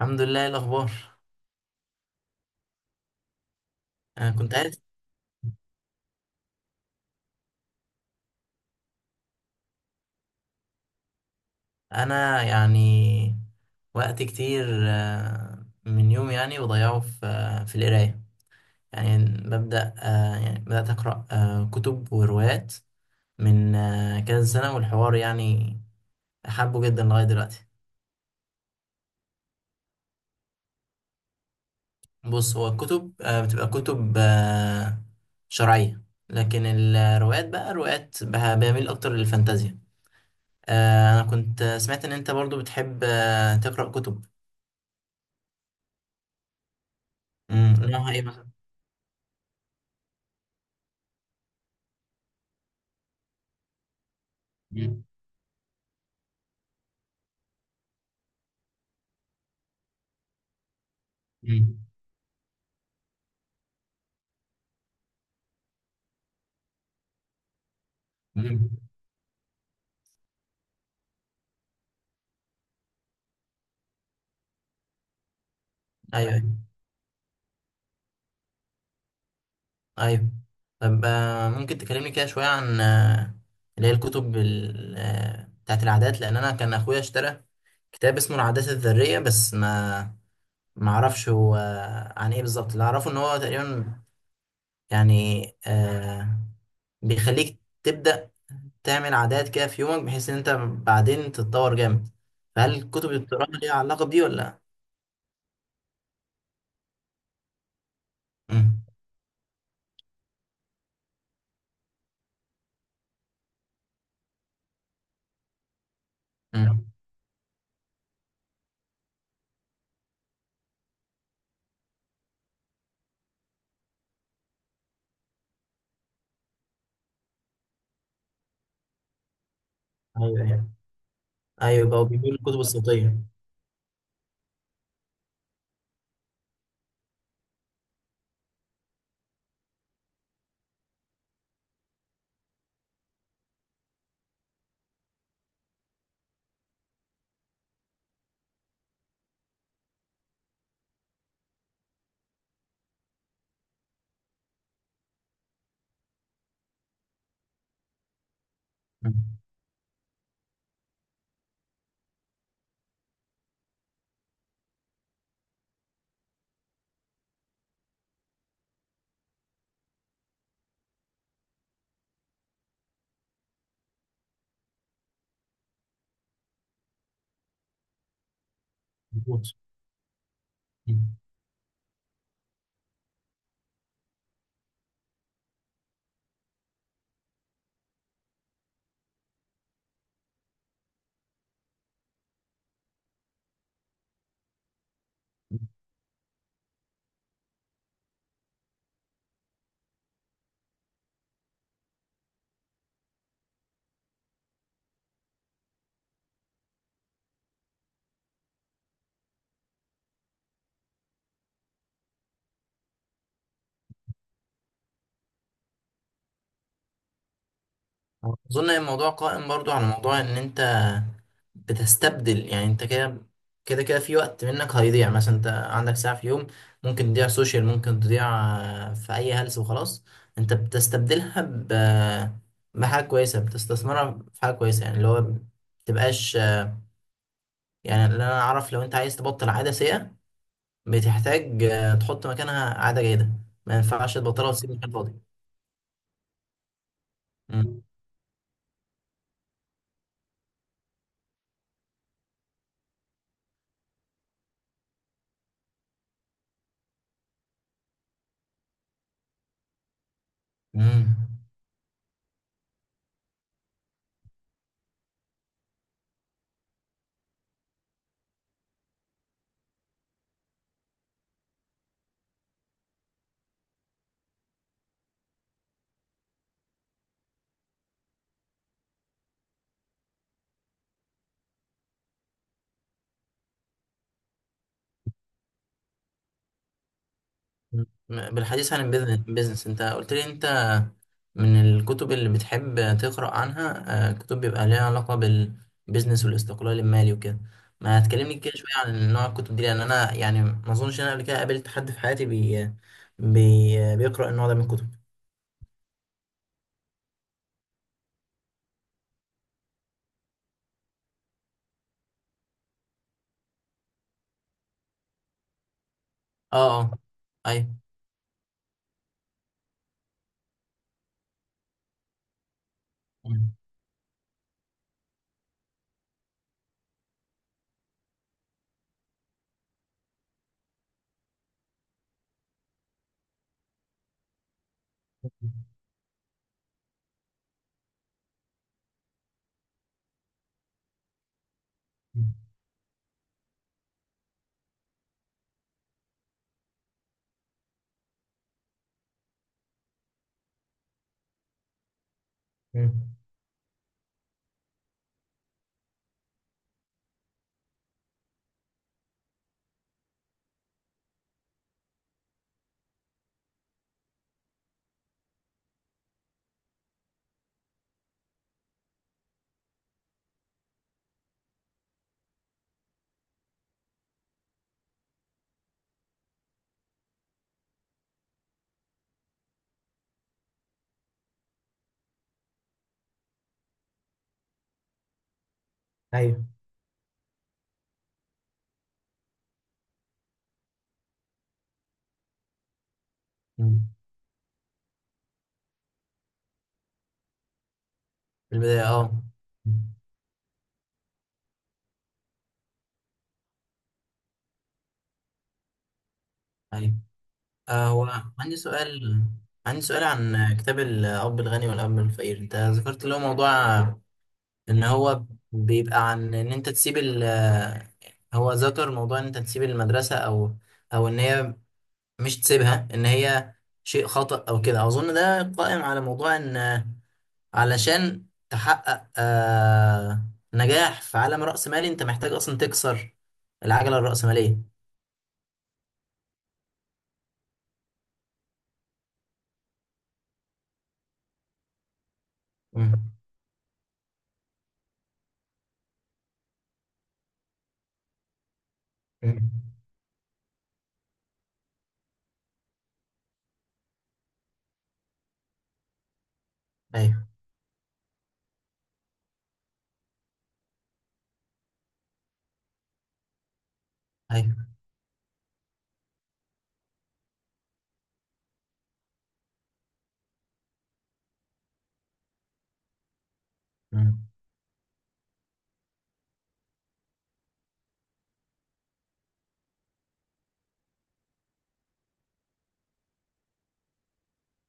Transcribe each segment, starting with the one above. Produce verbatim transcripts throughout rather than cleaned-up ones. الحمد لله. إيه الاخبار؟ انا كنت عارف. انا يعني وقت كتير. آه، من يوم يعني بضيعه في آه، في القرايه. يعني ببدا آه، يعني بدات اقرا آه، كتب وروايات من آه، كذا سنه، والحوار يعني حابه جدا لغايه دلوقتي. بص، هو الكتب آه، بتبقى كتب آه، شرعيه، لكن الروايات بقى روايات بها- بميل اكتر للفانتازيا. آه، انا كنت آه، سمعت ان انت برضو بتحب آه، تقرا كتب. امم نوعها ايه مثلا؟ مم. مم. مم. ايوه، ايوه. طب، آه، ممكن تكلمني كده شويه عن آه، اللي هي الكتب ال- آه، بتاعت العادات، لان انا كان اخويا اشترى كتاب اسمه العادات الذريه، بس ما ما اعرفش هو عن ايه بالظبط. اللي اعرفه ان هو تقريبا يعني آه، بيخليك تبدا تعمل عادات كده في يومك، بحيث ان انت بعدين تتطور جامد. فهل الكتب اللي بتقراها ليها علاقه بدي ولا لا؟ مم. مم. ايوه، ايوه، ايوه. بقوا بيقولوا الكتب الصوتيه. مظبوط. اظن إن الموضوع قائم برضو على موضوع ان انت بتستبدل، يعني انت كده كده كده في وقت منك هيضيع، مثلا انت عندك ساعة في يوم، ممكن تضيع سوشيال، ممكن تضيع آه، في اي هلس وخلاص. انت بتستبدلها ب بحاجة كويسة، بتستثمرها في حاجة كويسة. يعني اللي هو متبقاش آه، يعني اللي انا اعرف، لو انت عايز تبطل عادة سيئة، بتحتاج آه، تحط مكانها عادة جيدة، ما ينفعش تبطلها وتسيب مكان فاضي. مم. مم. م- بالحديث عن البيزنس، انت قلت لي انت من الكتب اللي بتحب تقرأ عنها آه، كتب بيبقى ليها علاقة بالبيزنس والاستقلال المالي وكده. ما تكلمني كده شوية عن نوع الكتب دي، لأن أنا يعني ما أظنش إن أنا قبل كده قابلت حد في حياتي بي بي بيقرأ النوع ده من الكتب. اه، اه، أيوه. م- م- أيوه. م- في البداية، اه، أيوه. آه، هو عندي سؤال عندي سؤال عن كتاب الأب الغني والأب الفقير. أنت ذكرت اللي هو موضوع ان هو بيبقى عن ان انت تسيب ال آه، هو ذكر موضوع ان انت تسيب المدرسة او او ان هي، مش تسيبها، ان هي شيء خطأ او كده. اظن ده قائم على موضوع ان علشان تحقق آه نجاح في عالم رأسمالي، انت محتاج اصلا تكسر العجلة الرأسمالية. مم. مم. ايوه، ايوه. مم.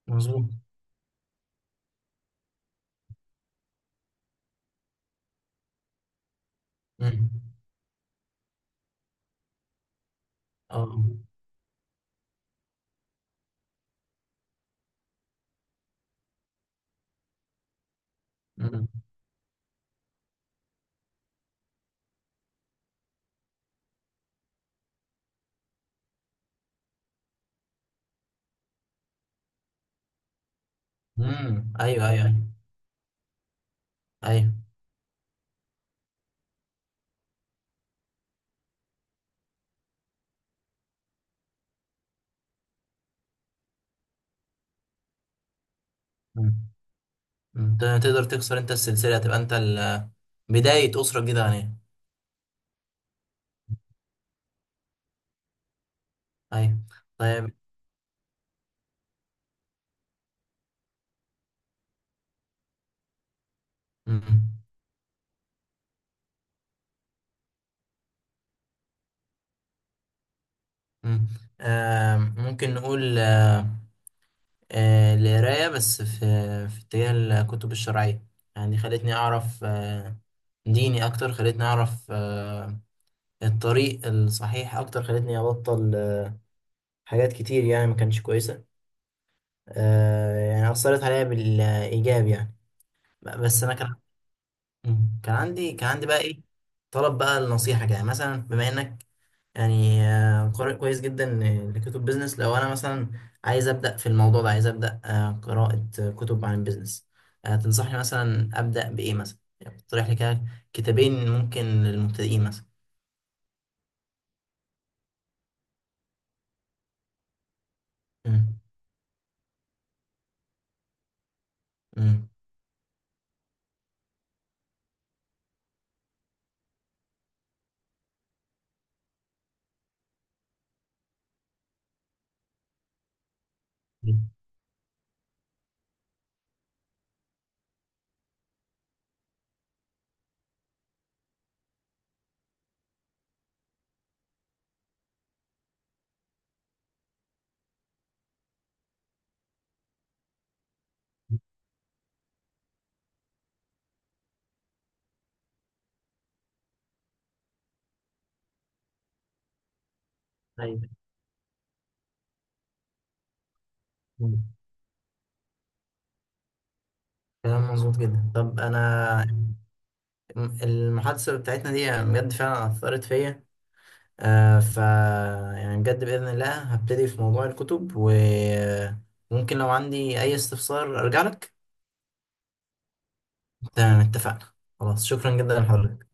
مظبوط. مم. اه. مم. مم. ايوه، ايوه، ايوه. أيوة. انت تقدر تكسر انت السلسلة، تبقى انت ال- بداية أسرة جديدة غنية. أيوة. طيب. م- م- آه، ممكن نقول آه، آه، القراية بس في في اتجاه الكتب الشرعية. يعني خلتني أعرف آه، ديني أكتر، خلتني أعرف آه، الطريق الصحيح أكتر، خلتني أبطل آه، حاجات كتير يعني ما كانتش كويسة. آه، يعني أثرت عليا بالإيجاب يعني. بس أنا كان. مم. كان عندي كان عندي بقى ايه، طلب بقى النصيحة كده. يعني مثلا بما انك يعني آه، قارئ كويس جدا ل- لكتب بيزنس، لو انا مثلا عايز ابدأ في الموضوع ده، عايز ابدأ آه، قراءة آه، كتب عن البيزنس، آه، تنصحني مثلا ابدأ بايه مثلا؟ يعني تقترح لي كده كتابين ممكن للمبتدئين مثلا. مم. مم. ايوه. مم. كلام مظبوط جدا. طب انا، المحادثة بتاعتنا دي بجد فعلا اثرت فيا. آه ف يعني بجد بإذن الله هبتدي في موضوع الكتب، وممكن لو عندي أي استفسار أرجع لك. تمام، اتفقنا. خلاص، شكرا جدا لحضرتك.